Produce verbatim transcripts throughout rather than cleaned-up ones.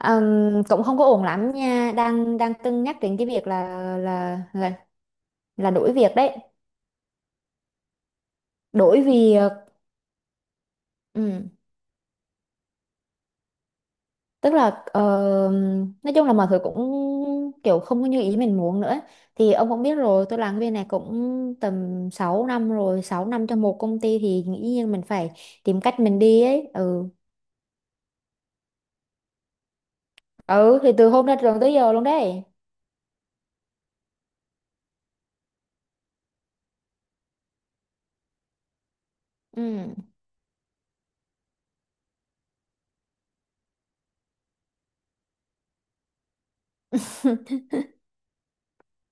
Ừm, cũng không có ổn lắm nha, đang đang cân nhắc đến cái việc là là là là đổi việc đấy, đổi việc. ừ. tức là ờ, nói chung là mọi thứ cũng kiểu không có như ý mình muốn nữa. Thì ông cũng biết rồi, tôi làm cái bên này cũng tầm sáu năm rồi, sáu năm cho một công ty thì nghĩ nhiên mình phải tìm cách mình đi ấy. Ừ, ừ thì từ hôm ra trường tới giờ luôn đấy. Ừ,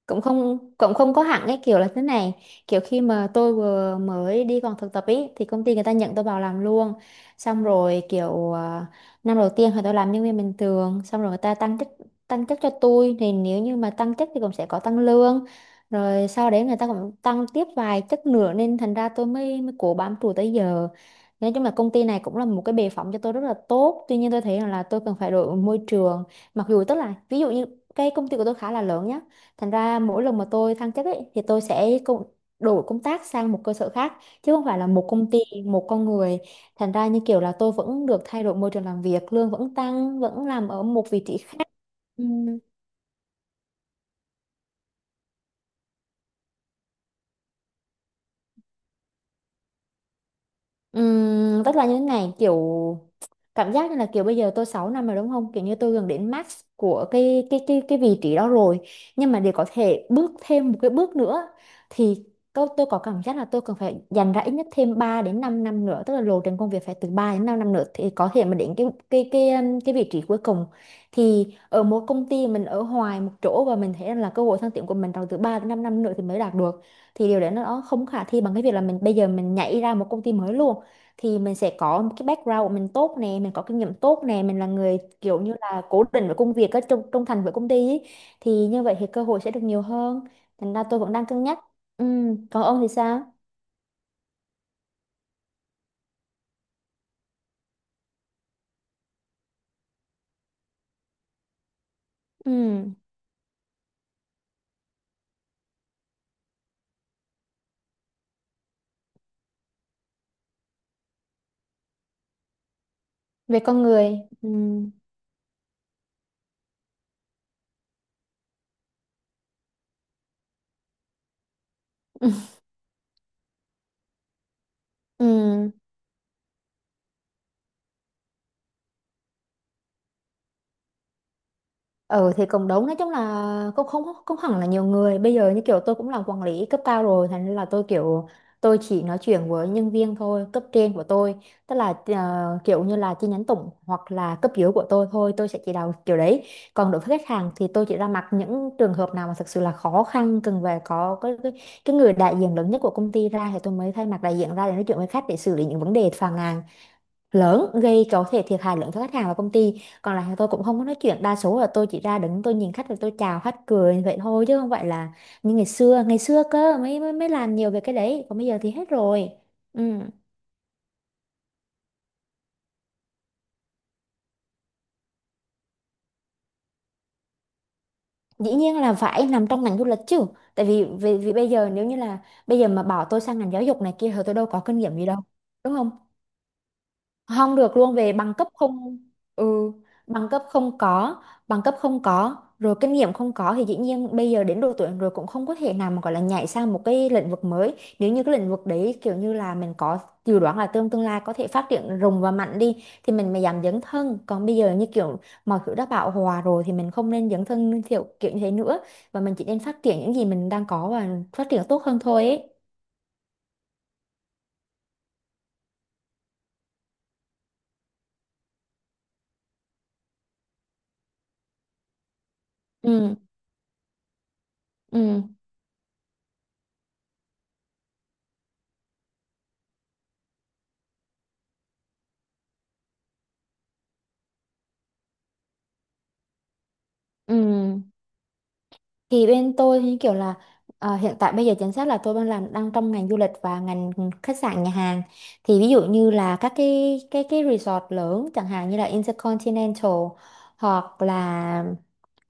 cũng không cũng không có hẳn cái kiểu là thế này, kiểu khi mà tôi vừa mới đi còn thực tập ý thì công ty người ta nhận tôi vào làm luôn, xong rồi kiểu à, năm đầu tiên thì tôi làm nhân viên bình thường, xong rồi người ta tăng chức, tăng chức cho tôi. Thì nếu như mà tăng chức thì cũng sẽ có tăng lương, rồi sau đấy người ta cũng tăng tiếp vài chức nữa, nên thành ra tôi mới mới cố bám trụ tới giờ. Nói chung là công ty này cũng là một cái bệ phóng cho tôi rất là tốt, tuy nhiên tôi thấy rằng là tôi cần phải đổi môi trường. Mặc dù tức là ví dụ như cái công ty của tôi khá là lớn nhá. Thành ra mỗi lần mà tôi thăng chức ấy, thì tôi sẽ công, đổi công tác sang một cơ sở khác, chứ không phải là một công ty, một con người. Thành ra như kiểu là tôi vẫn được thay đổi môi trường làm việc, lương vẫn tăng, vẫn làm ở một vị trí khác. Ừm, ừm, Tức là như thế này, kiểu cảm giác như là kiểu bây giờ tôi sáu năm rồi đúng không, kiểu như tôi gần đến max của cái cái cái cái vị trí đó rồi, nhưng mà để có thể bước thêm một cái bước nữa thì tôi tôi có cảm giác là tôi cần phải dành ra ít nhất thêm ba đến 5 năm nữa. Tức là lộ trình công việc phải từ ba đến 5 năm nữa thì có thể mà đến cái cái cái um, cái vị trí cuối cùng. Thì ở một công ty mình ở hoài một chỗ và mình thấy là cơ hội thăng tiến của mình trong từ ba đến 5 năm nữa thì mới đạt được, thì điều đấy nó không khả thi bằng cái việc là mình bây giờ mình nhảy ra một công ty mới luôn. Thì mình sẽ có một cái background của mình tốt nè, mình có kinh nghiệm tốt nè, mình là người kiểu như là cố định với công việc á, trung, trung thành với công ty ý. Thì như vậy thì cơ hội sẽ được nhiều hơn, thành ra tôi vẫn đang cân nhắc. Ừ, còn ông thì sao? Ừ, về con người. Ừ. Ừ. Ừ thì cũng đúng, nói chung là cũng không cũng hẳn là nhiều người, bây giờ như kiểu tôi cũng làm quản lý cấp cao rồi, thành nên là tôi kiểu tôi chỉ nói chuyện với nhân viên thôi, cấp trên của tôi tức là ờ, kiểu như là chi nhánh tổng, hoặc là cấp dưới của tôi thôi tôi sẽ chỉ đạo kiểu đấy. Còn đối với khách hàng thì tôi chỉ ra mặt những trường hợp nào mà thực sự là khó khăn, cần về có cái, cái, cái người đại diện lớn nhất của công ty ra, thì tôi mới thay mặt đại diện ra để nói chuyện với khách để xử lý những vấn đề phàn nàn lớn gây có thể thiệt hại lớn cho khách hàng và công ty. Còn lại thì tôi cũng không có nói chuyện, đa số là tôi chỉ ra đứng tôi nhìn khách và tôi chào khách cười vậy thôi, chứ không phải là như ngày xưa. Ngày xưa cơ mới mới, mới làm nhiều về cái đấy, còn bây giờ thì hết rồi. Ừ, dĩ nhiên là phải nằm trong ngành du lịch chứ, tại vì vì, vì bây giờ nếu như là bây giờ mà bảo tôi sang ngành giáo dục này kia thì tôi đâu có kinh nghiệm gì đâu, đúng không? Không được luôn, về bằng cấp không. Ừ, bằng cấp không có, bằng cấp không có rồi kinh nghiệm không có, thì dĩ nhiên bây giờ đến độ tuổi rồi cũng không có thể nào mà gọi là nhảy sang một cái lĩnh vực mới. Nếu như cái lĩnh vực đấy kiểu như là mình có dự đoán là tương tương lai có thể phát triển rùng và mạnh đi, thì mình mới dám dấn thân. Còn bây giờ như kiểu mọi thứ đã bão hòa rồi thì mình không nên dấn thân kiểu kiểu như thế nữa, và mình chỉ nên phát triển những gì mình đang có và phát triển tốt hơn thôi ấy. Ừ, ừ, ừ thì bên tôi thì kiểu là ờ, hiện tại bây giờ chính xác là tôi đang làm, đang trong ngành du lịch và ngành khách sạn nhà hàng. Thì ví dụ như là các cái cái cái resort lớn, chẳng hạn như là Intercontinental hoặc là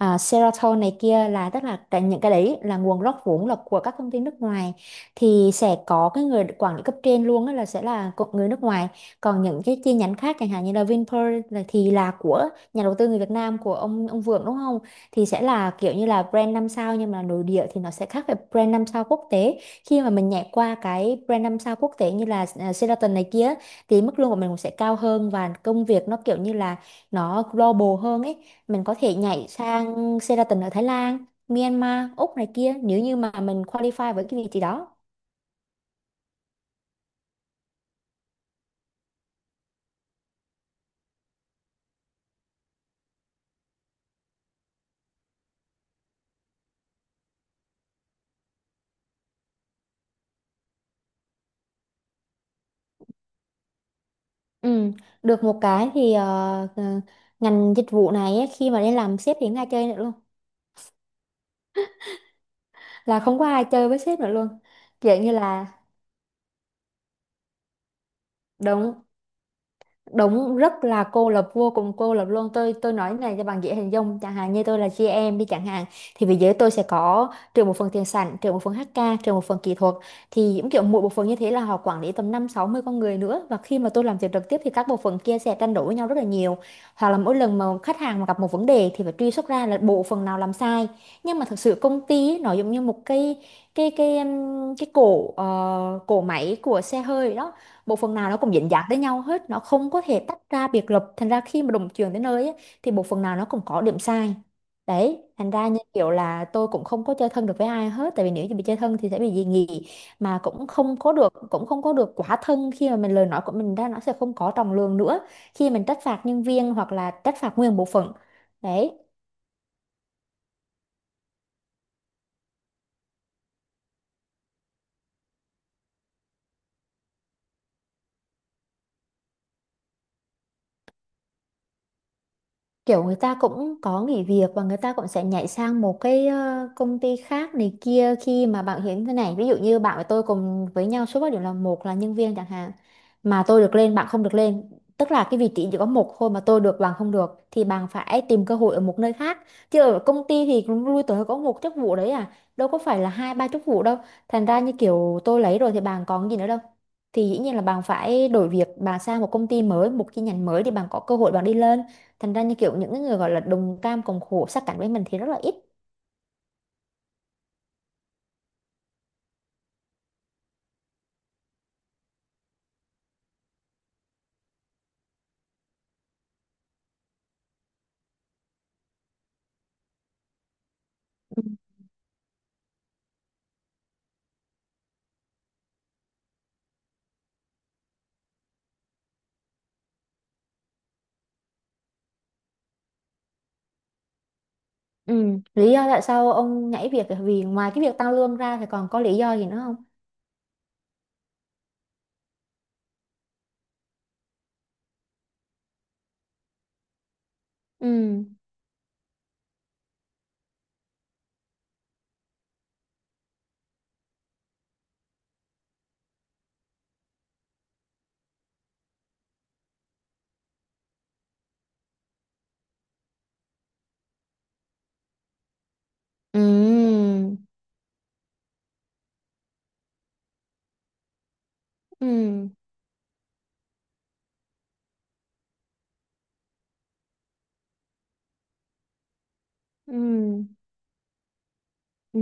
uh, Sheraton này kia, là tức là cái- những cái đấy là nguồn gốc vốn là của các công ty nước ngoài, thì sẽ có cái người quản lý cấp trên luôn á là sẽ là co- người nước ngoài. Còn những cái chi nhánh khác chẳng hạn như là Vinpearl là thì là của nhà đầu tư người Việt Nam, của ông ông Vượng, đúng không? Thì sẽ là kiểu như là brand năm sao nhưng mà nội địa thì nó sẽ khác với brand năm sao quốc tế. Khi mà mình nhảy qua cái brand năm sao quốc tế như là à, Sheraton này kia, thì mức lương của mình cũng sẽ cao hơn và công việc nó kiểu như là nó global hơn ấy, mình có thể nhảy sang Sheraton ở Thái Lan, Myanmar, Úc này kia, nếu như mà mình qualify với cái vị trí đó. Ừ, được một cái thì ờ, ờ, ngành dịch vụ này ấy, khi mà đi làm sếp thì không ai chơi nữa luôn, là không có ai chơi với sếp nữa luôn, kiểu như là đúng, đúng, rất là cô lập, vô cùng cô lập luôn. Tôi tôi nói này cho bạn dễ hình dung, chẳng hạn như tôi là giê em đi chẳng hạn, thì về giới tôi sẽ có trừ một phần tiền sản, trừ một phần hát ca, trừ một phần kỹ thuật. Thì những kiểu mỗi bộ phận như thế là họ quản lý tầm năm sáu mươi con người nữa, và khi mà tôi làm việc trực tiếp thì các bộ phận kia sẽ tranh đấu với nhau rất là nhiều, hoặc là mỗi lần mà khách hàng mà gặp một vấn đề thì phải truy xuất ra là bộ phận nào làm sai. Nhưng mà thực sự công ty ấy, nó giống như một cái cái cái um, cái cổ ờ, cổ máy của xe hơi đó, một phần nào nó cũng dính dáng tới nhau hết, nó không có thể tách ra biệt lập. Thành ra khi mà đồng trường đến nơi á, thì một phần nào nó cũng có điểm sai đấy. Thành ra như kiểu là tôi cũng không có chơi thân được với ai hết, tại vì nếu như bị chơi thân thì sẽ bị dị nghị, mà cũng không có được, cũng không có được quá thân, khi mà mình lời nói của mình ra nó sẽ không có trọng lượng nữa khi mình trách phạt nhân viên hoặc là trách phạt nguyên bộ phận đấy. Kiểu người ta cũng có nghỉ việc và người ta cũng sẽ nhảy sang một cái ờ, công ty khác này kia. Khi mà bạn hiểm thế này, ví dụ như bạn và tôi cùng với nhau số bảo điểm là một, là nhân viên chẳng hạn, mà tôi được lên bạn không được lên, tức là cái vị trí chỉ có một thôi mà tôi được bạn không được, thì bạn phải tìm cơ hội ở một nơi khác, chứ ở công ty thì cũng lui tới có một chức vụ đấy à, đâu có phải là hai ba chức vụ đâu. Thành ra như kiểu tôi lấy rồi thì bạn còn gì nữa đâu, thì dĩ nhiên là bạn phải đổi việc, bạn sang một công ty mới, một chi nhánh mới, thì bạn có cơ hội bạn đi lên. Thành ra như kiểu những cái người gọi là đồng cam cộng khổ sát cánh với mình thì rất là ít. Ừ. Ừ, lý do tại sao ông nhảy việc là vì, ngoài cái việc tăng lương ra thì còn có lý do gì nữa không? Ừ. Ừ. Ừ. Ừ. Ừ.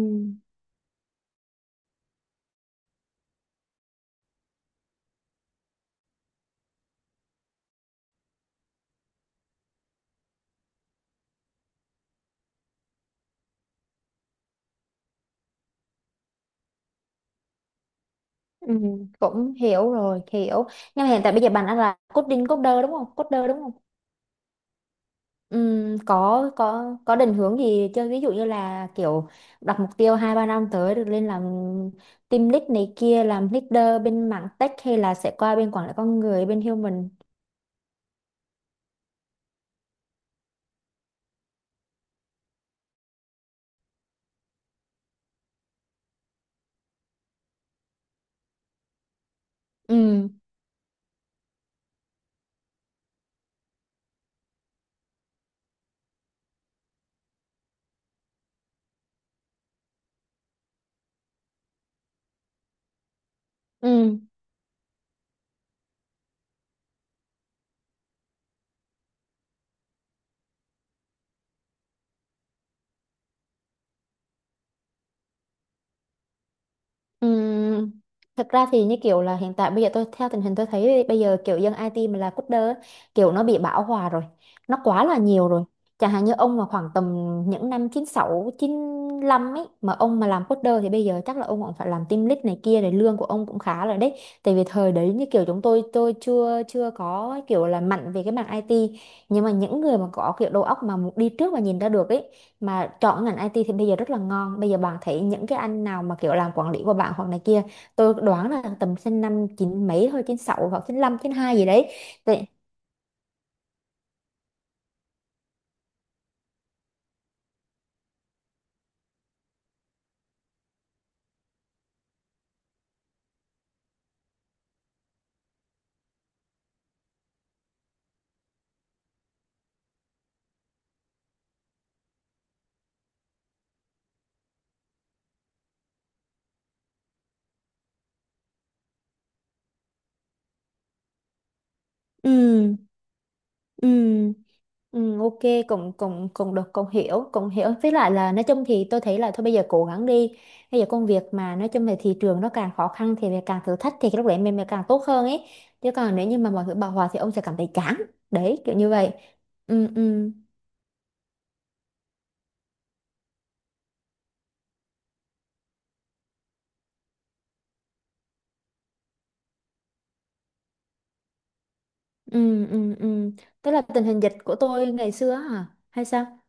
Ừ. Cũng hiểu rồi, hiểu. Nhưng mà hiện tại bây giờ bạn đang là coding, coder đúng không, coder đúng không? Ừm, có có có định hướng gì chưa, ví dụ như là kiểu đặt mục tiêu hai ba năm tới được lên làm team lead này kia, làm leader bên mảng tech, hay là sẽ qua bên quản lý con người, bên human? Ừ, ừ. Ừm, Thật ra thì như kiểu là hiện tại bây giờ tôi theo tình hình tôi thấy thì bây giờ kiểu dân i tê mà là coder á, kiểu nó bị bão hòa rồi, nó quá là nhiều rồi. Chẳng hạn như ông mà khoảng tầm những năm chín sáu chín 95 ấy, mà ông mà làm coder thì bây giờ chắc là ông cũng phải làm team lead này kia rồi, lương của ông cũng khá rồi đấy. Tại vì thời đấy như kiểu chúng tôi tôi chưa chưa có kiểu là mạnh về cái mảng ai ti, nhưng mà những người mà có kiểu đầu óc mà đi trước và nhìn ra được ấy, mà chọn ngành ai ti thì bây giờ rất là ngon. Bây giờ bạn thấy những cái anh nào mà kiểu làm quản lý của bạn hoặc này kia, tôi đoán là tầm sinh năm chín mấy thôi, chín sáu hoặc chín lăm chín hai gì đấy. Tại- ừ, ừ, ừ, ok, cũng cũng cũng được, cũng hiểu, cũng hiểu. Với lại là nói chung thì tôi thấy là thôi bây giờ cố gắng đi, bây giờ công việc mà nói chung về thị trường nó càng khó khăn thì mình càng thử thách, thì cái lúc đấy mình mình càng tốt hơn ấy. Chứ còn nếu như mà mọi thứ bão hòa thì ông sẽ cảm thấy chán đấy, kiểu như vậy. Ừ, ừ. Ừ, ừ, ừ. Tức là tình hình dịch của tôi ngày xưa á hả? Hay sao?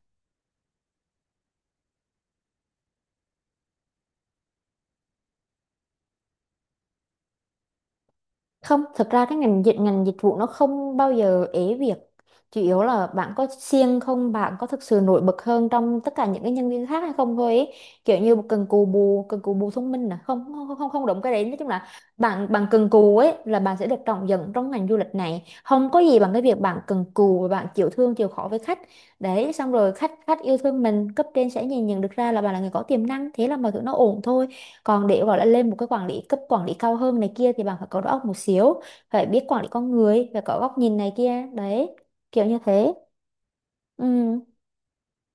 Không, thật ra cái ngành dịch ngành dịch vụ nó không bao giờ ế việc. Chủ yếu là bạn có siêng không, bạn có thực sự nổi bật hơn trong tất cả những cái nhân viên khác hay không thôi ấy. Kiểu như cần cù bù, cần cù bù thông minh à? Không, không, không, không, không đúng cái đấy. Nói chung là bạn bạn cần cù ấy là bạn sẽ được trọng dụng trong ngành du lịch này. Không có gì bằng cái việc bạn cần cù và bạn chịu thương, chịu khó với khách. Đấy, xong rồi khách, khách yêu thương mình, cấp trên sẽ nhìn nhận được ra là bạn là người có tiềm năng, thế là mọi thứ nó ổn thôi. Còn để gọi là lên một cái quản lý cấp quản lý cao hơn này kia thì bạn phải có đầu óc một xíu, phải biết quản lý con người, phải có góc nhìn này kia đấy, kiểu như thế. Ừ,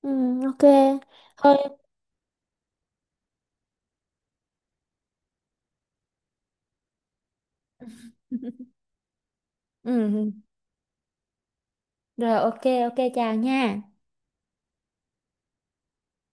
ừ, ok, thôi. Ừ, rồi, ok, ok, chào nha.